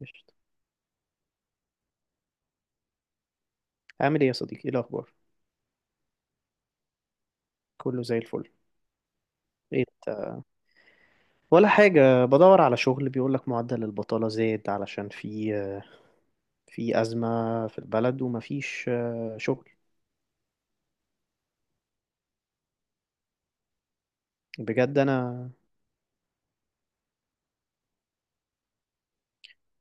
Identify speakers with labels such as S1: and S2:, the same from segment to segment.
S1: قشطة. عامل ايه يا صديقي؟ ايه الاخبار؟ كله زي الفل. ايه انت؟ ولا حاجة، بدور على شغل. بيقول لك معدل البطالة زاد علشان في أزمة في البلد، ومفيش شغل. بجد انا،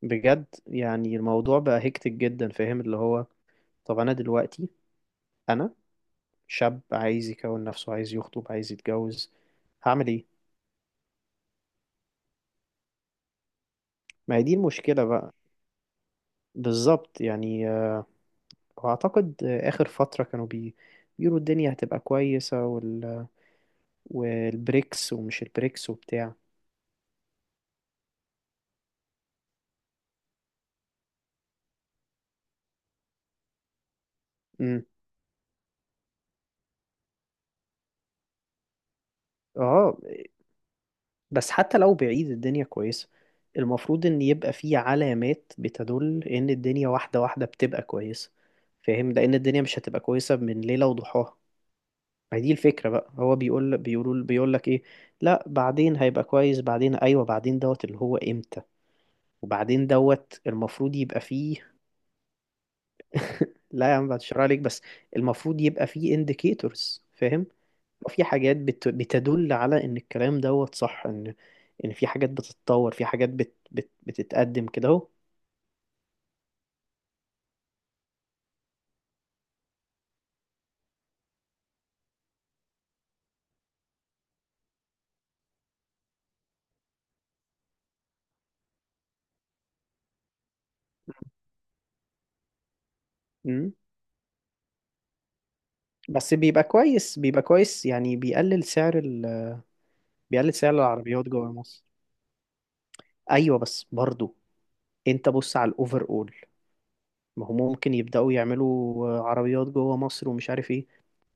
S1: بجد يعني الموضوع بقى هيكتك جدا. فاهم اللي هو؟ طب انا دلوقتي، انا شاب عايز يكون نفسه، عايز يخطب، عايز يتجوز. هعمل ايه؟ ما هي دي المشكلة بقى. بالظبط يعني، واعتقد اخر فترة كانوا بيقولوا الدنيا هتبقى كويسة، والبريكس ومش البريكس وبتاع. امم اه بس حتى لو بعيد الدنيا كويسة، المفروض ان يبقى في علامات بتدل ان الدنيا واحدة واحدة بتبقى كويسة. فاهم؟ لان الدنيا مش هتبقى كويسة من ليلة وضحاها. ما هي دي الفكرة بقى. هو بيقول لك ايه؟ لا بعدين هيبقى كويس، بعدين ايوه، بعدين دوت اللي هو امتى؟ وبعدين دوت المفروض يبقى فيه. لا يا عم، بشرح عليك بس. المفروض يبقى فيه indicators. فاهم؟ في حاجات بتدل على ان الكلام دوت صح، ان في حاجات بتتطور، في حاجات بتتقدم كده اهو. أمم. بس بيبقى كويس، بيبقى كويس يعني، بيقلل سعر بيقلل سعر العربيات جوه مصر. ايوه بس برضو، انت بص على الاوفر اول. ما هم ممكن يبداوا يعملوا عربيات جوه مصر ومش عارف ايه،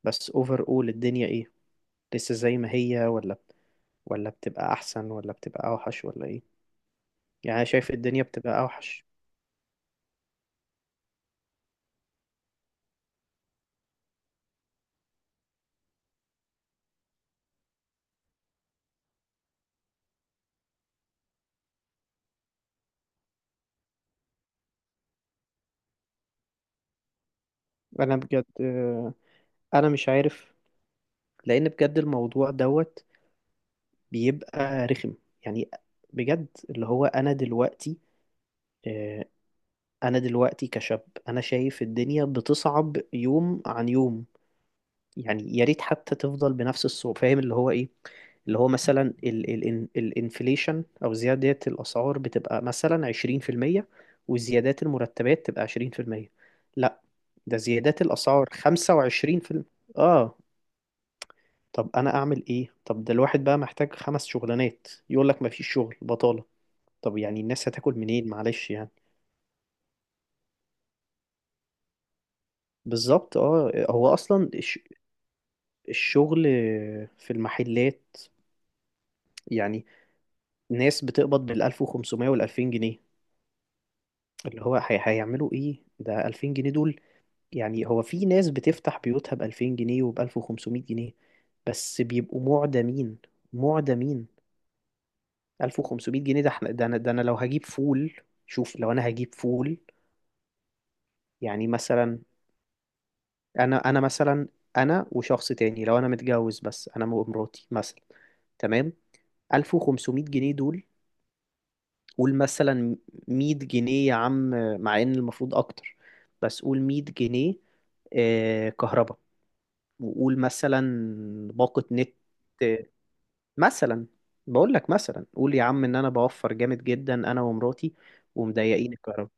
S1: بس اوفر اول الدنيا ايه؟ لسه زي ما هي، ولا بتبقى احسن، ولا بتبقى اوحش ولا ايه؟ يعني أنا شايف الدنيا بتبقى اوحش. انا بجد، انا مش عارف، لان بجد الموضوع دوت بيبقى رخم يعني. بجد اللي هو، انا دلوقتي آه، انا دلوقتي كشاب انا شايف الدنيا بتصعب يوم عن يوم. يعني يا ريت حتى تفضل بنفس الصعوبة. فاهم اللي هو ايه؟ اللي هو مثلا ال الانفليشن او زيادة الاسعار بتبقى مثلا 20%، وزيادات المرتبات تبقى 20%. لا، ده زيادات الاسعار 25%. اه طب انا اعمل ايه؟ طب ده الواحد بقى محتاج خمس شغلانات، يقول لك مفيش شغل، بطالة. طب يعني الناس هتاكل منين معلش يعني. بالظبط. اه هو اصلا الشغل في المحلات يعني، ناس بتقبض بال 1500 وال 2000 جنيه. اللي هو هيعملوا ايه ده 2000 جنيه دول؟ يعني هو في ناس بتفتح بيوتها ب 2000 جنيه وب 1500 جنيه، بس بيبقوا معدمين، معدمين. 1500 جنيه ده احنا، ده انا لو هجيب فول، شوف لو انا هجيب فول يعني مثلا، انا مثلا، انا وشخص تاني، لو انا متجوز بس، انا ومراتي مثلا، تمام، 1500 جنيه دول. قول مثلا 100 جنيه يا عم، مع ان المفروض اكتر، بس قول 100 جنيه كهرباء. وقول مثلا باقة نت، مثلا بقول لك، مثلا قول يا عم ان انا بوفر جامد جدا انا ومراتي، ومضيقين الكهرباء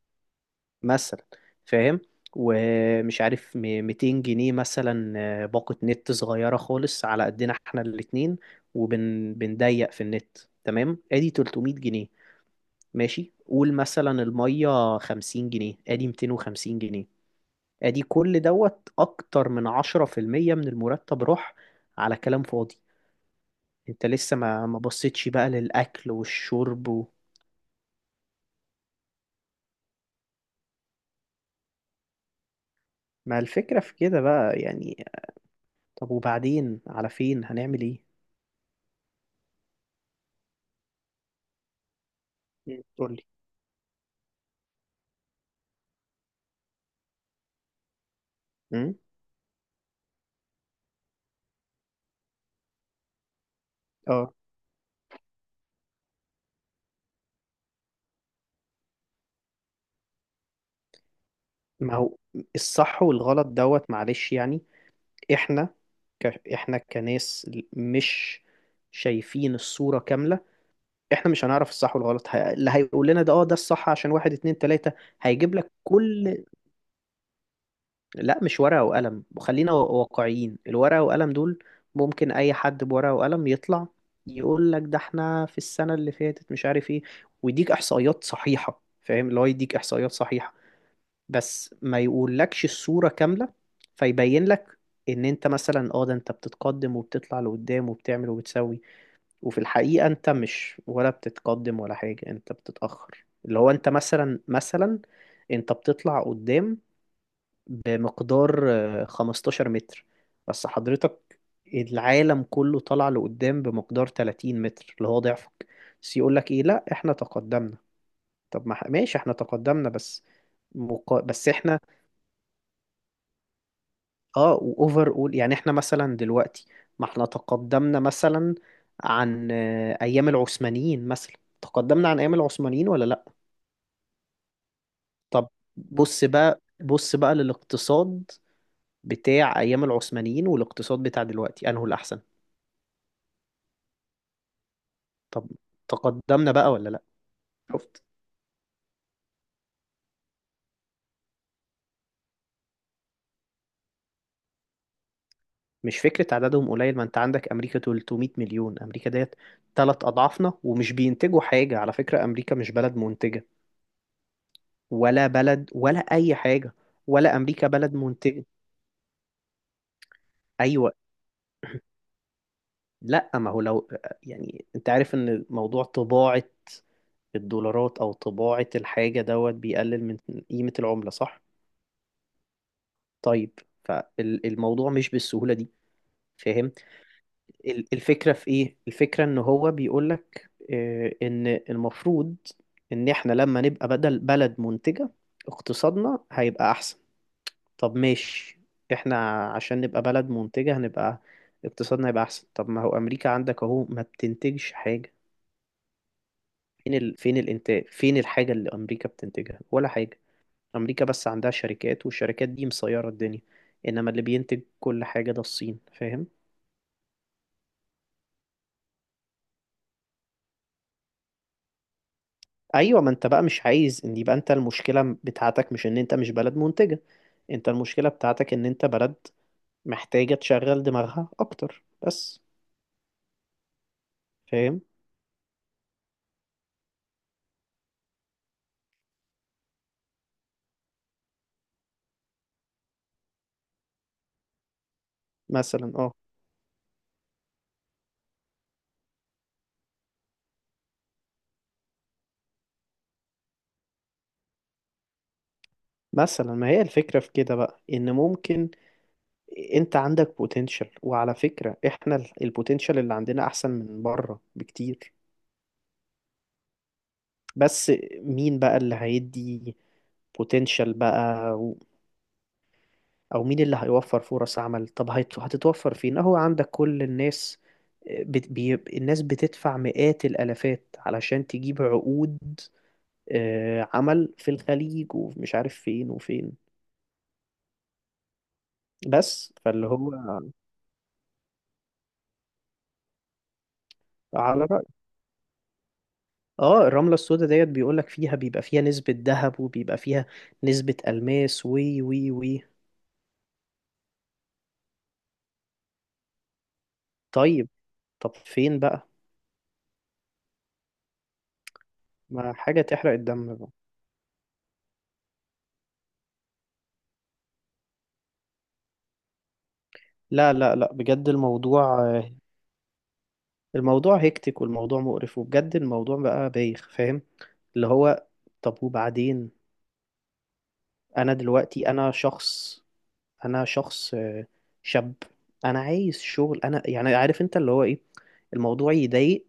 S1: مثلا. فاهم؟ ومش عارف 200 جنيه مثلا، باقة نت صغيرة خالص على قدنا احنا الاتنين، وبنضيق في النت، تمام، ادي 300 جنيه. ماشي قول مثلا المية 50 جنيه، ادي 250 جنيه. ادي كل دوت اكتر من 10% من المرتب راح على كلام فاضي. انت لسه ما بصيتش بقى للاكل والشرب ما الفكرة في كده بقى يعني. طب وبعدين على فين؟ هنعمل ايه؟ قول. امم اه ما هو الصح والغلط دوت معلش يعني. احنا ك... احنا كناس مش شايفين الصورة كاملة. احنا مش هنعرف الصح والغلط، اللي هيقول لنا ده اه ده الصح عشان واحد اتنين تلاتة هيجيب لك كل. لا مش ورقة وقلم، وخلينا واقعيين. الورقة وقلم دول ممكن اي حد بورقة وقلم يطلع يقول لك ده احنا في السنة اللي فاتت مش عارف ايه، ويديك احصائيات صحيحة. فاهم اللي هو؟ يديك احصائيات صحيحة بس ما يقولكش الصورة كاملة. فيبين لك ان انت مثلا، ده انت بتتقدم وبتطلع لقدام وبتعمل وبتسوي، وفي الحقيقة انت مش ولا بتتقدم ولا حاجة، انت بتتأخر. اللي هو انت مثلا، انت بتطلع قدام بمقدار 15 متر، بس حضرتك العالم كله طلع لقدام بمقدار 30 متر اللي هو ضعفك. بس يقولك ايه؟ لا احنا تقدمنا. طب ما ح- ماشي، احنا تقدمنا بس، بس احنا. اه واوفر اول يعني احنا مثلا دلوقتي، ما احنا تقدمنا مثلا عن ايام العثمانيين مثلا. تقدمنا عن ايام العثمانيين ولا لا؟ طب بص بقى، بص بقى للاقتصاد بتاع ايام العثمانيين، والاقتصاد بتاع دلوقتي، انه الاحسن. طب تقدمنا بقى ولا لا؟ شفت؟ مش فكرة عددهم قليل. ما انت عندك امريكا 300 مليون، امريكا ديت تلات اضعافنا ومش بينتجوا حاجة. على فكرة امريكا مش بلد منتجة، ولا بلد، ولا اي حاجة. ولا امريكا بلد منتجة. ايوه. لا ما هو لو، يعني انت عارف ان موضوع طباعة الدولارات او طباعة الحاجة دوت بيقلل من قيمة العملة، صح؟ طيب. فالموضوع مش بالسهولة دي. فاهم؟ الفكرة في ايه؟ الفكرة ان هو بيقولك ان المفروض ان احنا لما نبقى بدل بلد منتجة، اقتصادنا هيبقى احسن. طب ماشي، احنا عشان نبقى بلد منتجة هنبقى، اقتصادنا هيبقى احسن. طب ما هو امريكا عندك اهو ما بتنتجش حاجة. فين فين الانتاج؟ فين الحاجة اللي امريكا بتنتجها؟ ولا حاجة. امريكا بس عندها شركات، والشركات دي مسيرة الدنيا. انما اللي بينتج كل حاجة ده الصين. فاهم؟ ايوه، ما انت بقى مش عايز ان يبقى، انت المشكلة بتاعتك مش ان انت مش بلد منتجة، انت المشكلة بتاعتك ان انت بلد محتاجة تشغل دماغها اكتر بس. فاهم؟ مثلا مثلا، ما هي الفكرة في كده بقى، ان ممكن انت عندك بوتنشال، وعلى فكرة احنا البوتنشال اللي عندنا احسن من بره بكتير. بس مين بقى اللي هيدي بوتنشال بقى، او مين اللي هيوفر فرص عمل؟ طب هتتوفر فين اهو؟ عندك كل الناس، الناس بتدفع مئات الالافات علشان تجيب عقود عمل في الخليج، ومش عارف فين وفين، بس فاللي هو، على رأي. اه الرملة السوداء ديت بيقولك فيها، بيبقى فيها نسبة ذهب وبيبقى فيها نسبة ألماس وي وي وي. طيب، طب فين بقى؟ ما حاجة تحرق الدم بقى. لا لا لا، بجد الموضوع، الموضوع هيكتك، والموضوع مقرف، وبجد الموضوع بقى بايخ. فاهم اللي هو؟ طب وبعدين؟ انا دلوقتي انا شخص، انا شخص آه، شاب، انا عايز شغل. انا يعني عارف انت اللي هو ايه، الموضوع يضايق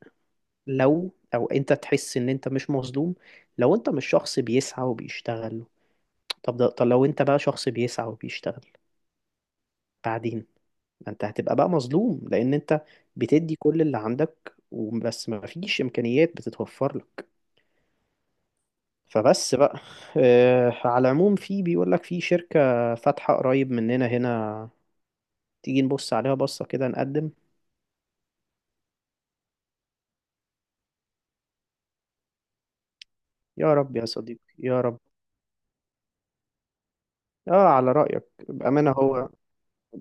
S1: لو او انت تحس ان انت مش مظلوم، لو انت مش شخص بيسعى وبيشتغل. طب لو انت بقى شخص بيسعى وبيشتغل بعدين، ما انت هتبقى بقى مظلوم، لان انت بتدي كل اللي عندك وبس، ما فيش امكانيات بتتوفر لك. فبس بقى، على العموم في، بيقول لك في شركة فاتحة قريب مننا هنا، تيجي نبص عليها بصة كده نقدم. يا رب يا صديقي يا رب. اه على رأيك. بأمانة،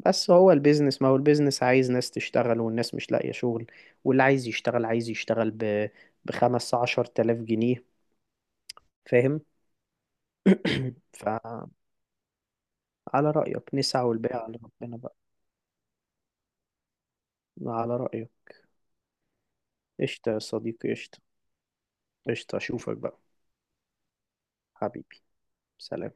S1: بس هو البيزنس، ما هو البيزنس عايز ناس تشتغل، والناس مش لاقية شغل، واللي عايز يشتغل عايز يشتغل بخمس عشر تلاف جنيه. فاهم؟ فعلى رأيك نسعى والباقي على ربنا. على رأيه. قشطة يا صديقي، قشطة، قشطة. أشوفك بقى حبيبي. سلام.